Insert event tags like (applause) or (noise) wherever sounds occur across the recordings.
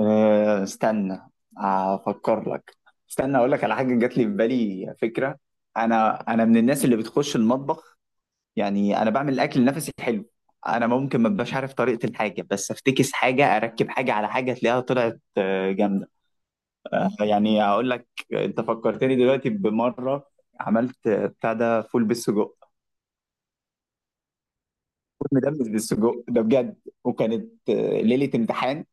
أه، استنى، افكر لك. استنى اقول لك على حاجه جات لي في بالي فكره. انا من الناس اللي بتخش المطبخ. يعني انا بعمل الاكل نفسي حلو. انا ممكن ما ابقاش عارف طريقه الحاجه، بس افتكس حاجه اركب حاجه على حاجه تلاقيها طلعت جامده. يعني اقول لك، انت فكرتني دلوقتي بمره. عملت بتاع ده، فول بالسجق. فول مدمس بالسجق ده بجد. وكانت ليله امتحان.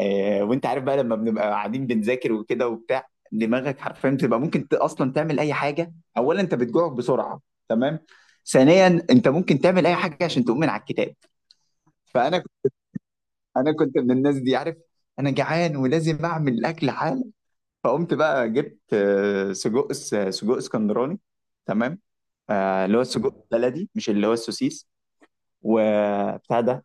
وانت عارف بقى، لما بنبقى قاعدين بنذاكر وكده وبتاع، دماغك حرفيا بتبقى ممكن اصلا تعمل اي حاجه. اولا انت بتجوع بسرعه، تمام. ثانيا انت ممكن تعمل اي حاجه عشان تقوم من على الكتاب. فانا، كنت من الناس دي، عارف. انا جعان ولازم اعمل الاكل حالا. فقمت بقى جبت سجق، سجق اسكندراني، تمام. اللي هو السجق البلدي، مش اللي هو السوسيس، وبتاع ده.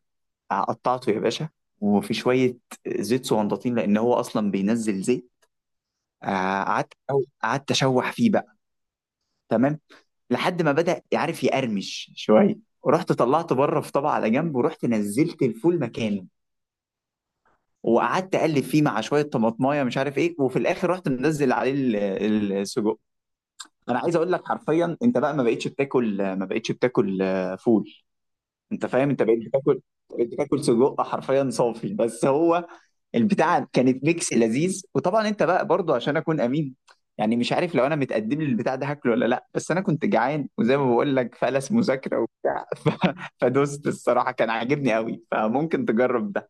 قطعته يا باشا، وفي شويه زيت صغنطاطين، لان هو اصلا بينزل زيت. آه، قعدت قعدت اشوح فيه بقى، تمام. لحد ما بدأ عارف يقرمش شويه. ورحت طلعته بره في طبق على جنب، ورحت نزلت الفول مكانه. وقعدت اقلب فيه مع شويه طماطمايه، مش عارف ايه، وفي الاخر رحت منزل عليه السجق. انا عايز اقول لك حرفيا، انت بقى ما بقتش بتاكل، ما بقتش بتاكل فول. انت فاهم، انت بقيت بتاكل سجق حرفيا صافي، بس هو البتاعه كانت ميكس لذيذ. وطبعا انت بقى برضو، عشان اكون امين، يعني مش عارف لو انا متقدم لي البتاع ده هاكله ولا لا، بس انا كنت جعان، وزي ما بقول لك، فلس مذاكره وبتاع (laughs) فدوست الصراحه، كان عاجبني قوي، فممكن تجرب ده.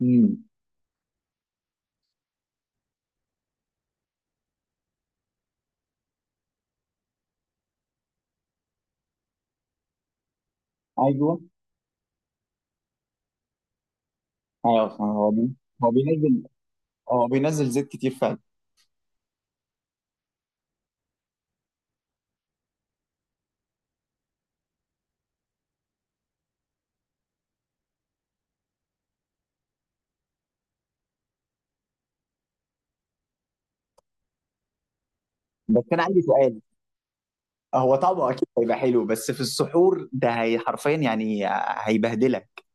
امم. ايوه. اه، هو بينزل هو بينزل زيت كتير فعلا. بس انا عندي سؤال. هو طعمه اكيد هيبقى حلو، بس في السحور ده، هي حرفيا يعني هيبهدلك.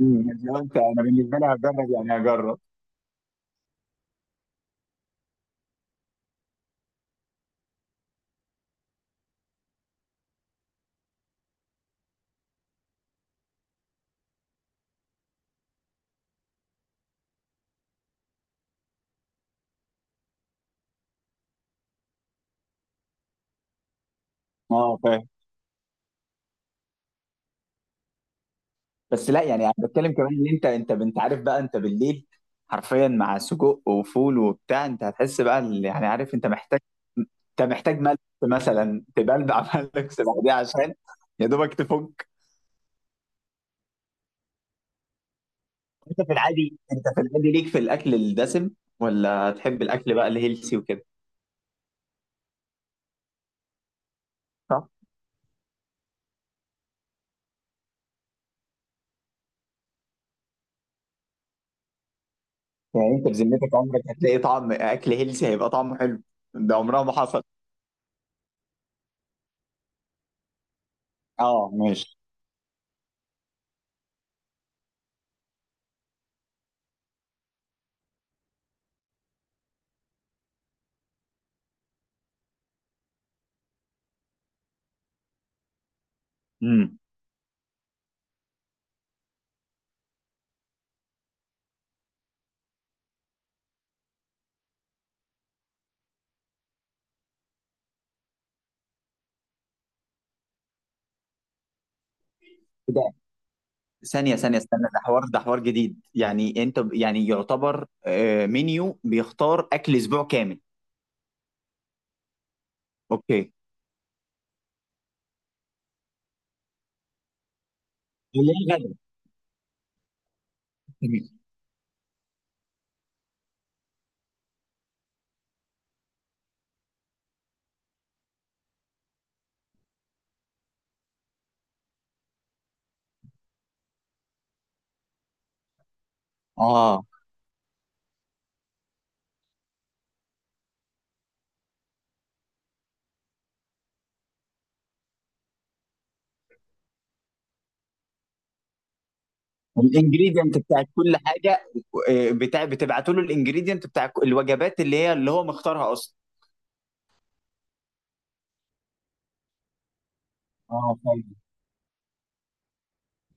امم. لو انت انا بالنسبه لي هجرب، يعني هجرب. اه، فاهم. بس لا، يعني انا بتكلم كمان، ان انت عارف بقى، انت بالليل حرفيا مع سجق وفول وبتاع، انت هتحس بقى يعني عارف، انت محتاج ملح مثلا تبلبع (laughs) ملح، بعديها عشان، يا دوبك تفك. انت في العادي ليك في الاكل الدسم، ولا تحب الاكل بقى الهيلسي وكده؟ صح. يعني انت بذمتك، عمرك هتلاقي طعم اكل هيلسي هيبقى طعمه حلو؟ ده عمرها ما حصل. اه، ماشي. امم. ثانية ثانية استنى، ده حوار جديد، يعني انت يعني يعتبر منيو بيختار اكل اسبوع كامل؟ اوكي. اللي هي غدا، تمام. اه، الانجريدينت بتاعت كل حاجة. بتاع بتبعتوا له الانجريدينت بتاع الوجبات، اللي هو مختارها اصلا. اه، فاهم.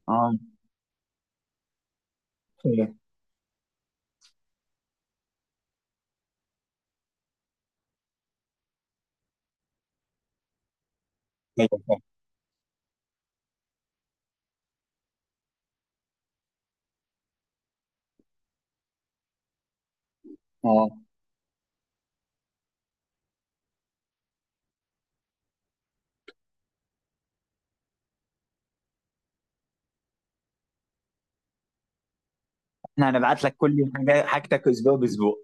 اه. فاهم فاهم. فاهم. اه، احنا هنبعت لك كل حاجة، حاجتك اسبوع باسبوع.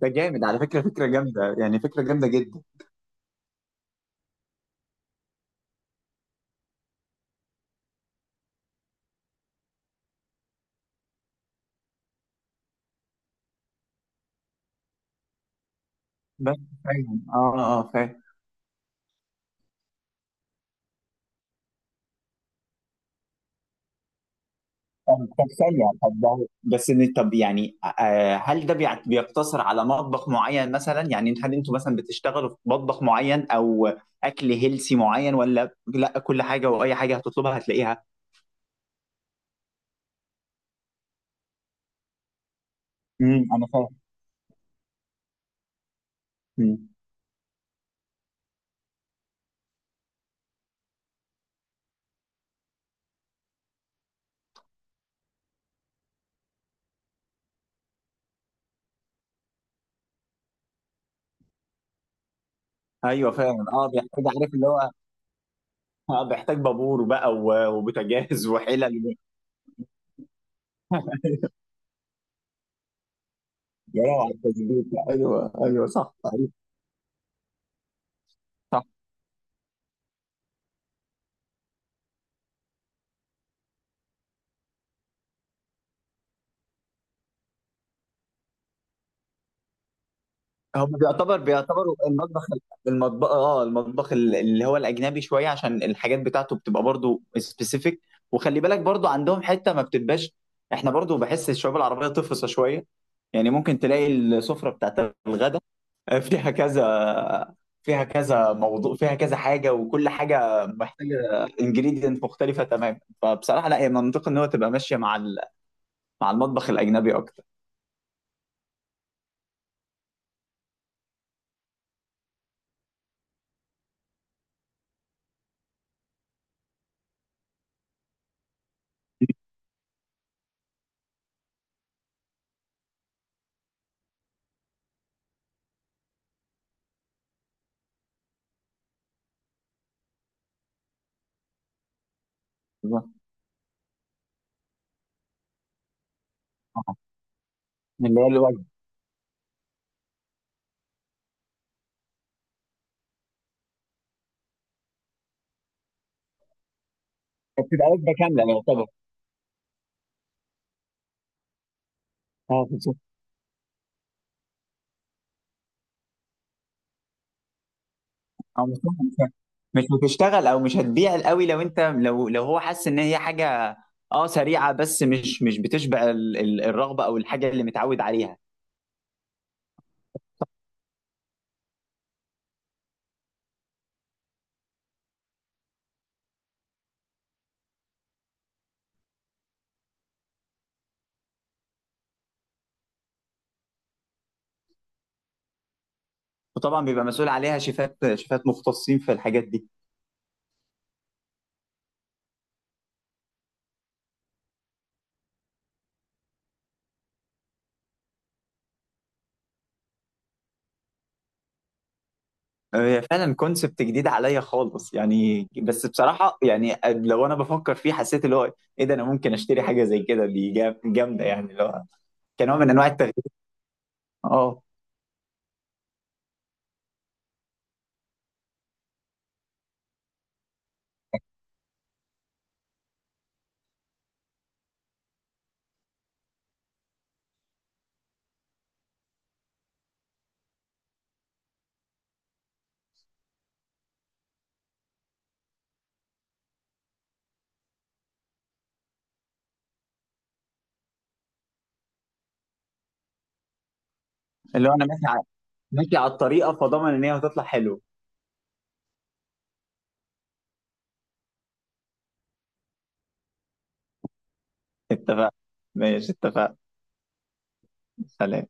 ده جامد على فكرة، فكرة جامدة، يعني فكرة جامدة جدا. بس، فاهم، اه، اه، فاهم. طب، طب، ثانية، طب، ده بس طب، يعني هل ده بيقتصر على مطبخ معين مثلا؟ يعني هل انتوا مثلا بتشتغلوا في مطبخ معين، او اكل هيلسي معين، ولا لا؟ كل حاجة واي حاجة هتطلبها هتلاقيها. امم، انا فاهم. امم. ايوه، فاهم. اه، بيحتاج، عارف اللي هو، بيحتاج بابور بقى، وبوتاجاز وحلل. يا روعة التظبيط، ايوه، ايوه، صح. هم بيعتبروا المطبخ، اللي هو الاجنبي شويه، عشان الحاجات بتاعته بتبقى برضو سبيسيفيك. وخلي بالك برضو، عندهم حته ما بتبقاش. احنا برضو بحس الشعوب العربيه تفصى شويه. يعني ممكن تلاقي السفره بتاعت الغدا، فيها كذا، فيها كذا موضوع، فيها كذا حاجه، وكل حاجه محتاجه انجريدينت مختلفه تماما. فبصراحه لا، هي منطقي ان هو تبقى ماشيه مع مع المطبخ الاجنبي اكتر. (laughs) بالظبط. آه. اللي هو الوجبه، بتبقى وجبه كامله، يعتبر. اه، بالظبط. او مش هتشتغل، او مش هتبيع قوي، لو انت لو لو هو حاسس ان هي حاجه، اه، سريعه، بس مش بتشبع الرغبه او الحاجه اللي متعود عليها. وطبعا بيبقى مسؤول عليها شيفات مختصين في الحاجات دي. هي فعلا كونسبت جديد عليا خالص، يعني، بس بصراحه، يعني لو انا بفكر فيه، حسيت اللي هو، ايه ده، انا ممكن اشتري حاجه زي كده، دي جامده، يعني اللي هو، كنوع من انواع التغيير. اه، اللي هو انا ماشي على الطريقه، فضمن ان هي هتطلع حلوه. اتفق. ماشي، اتفق. سلام.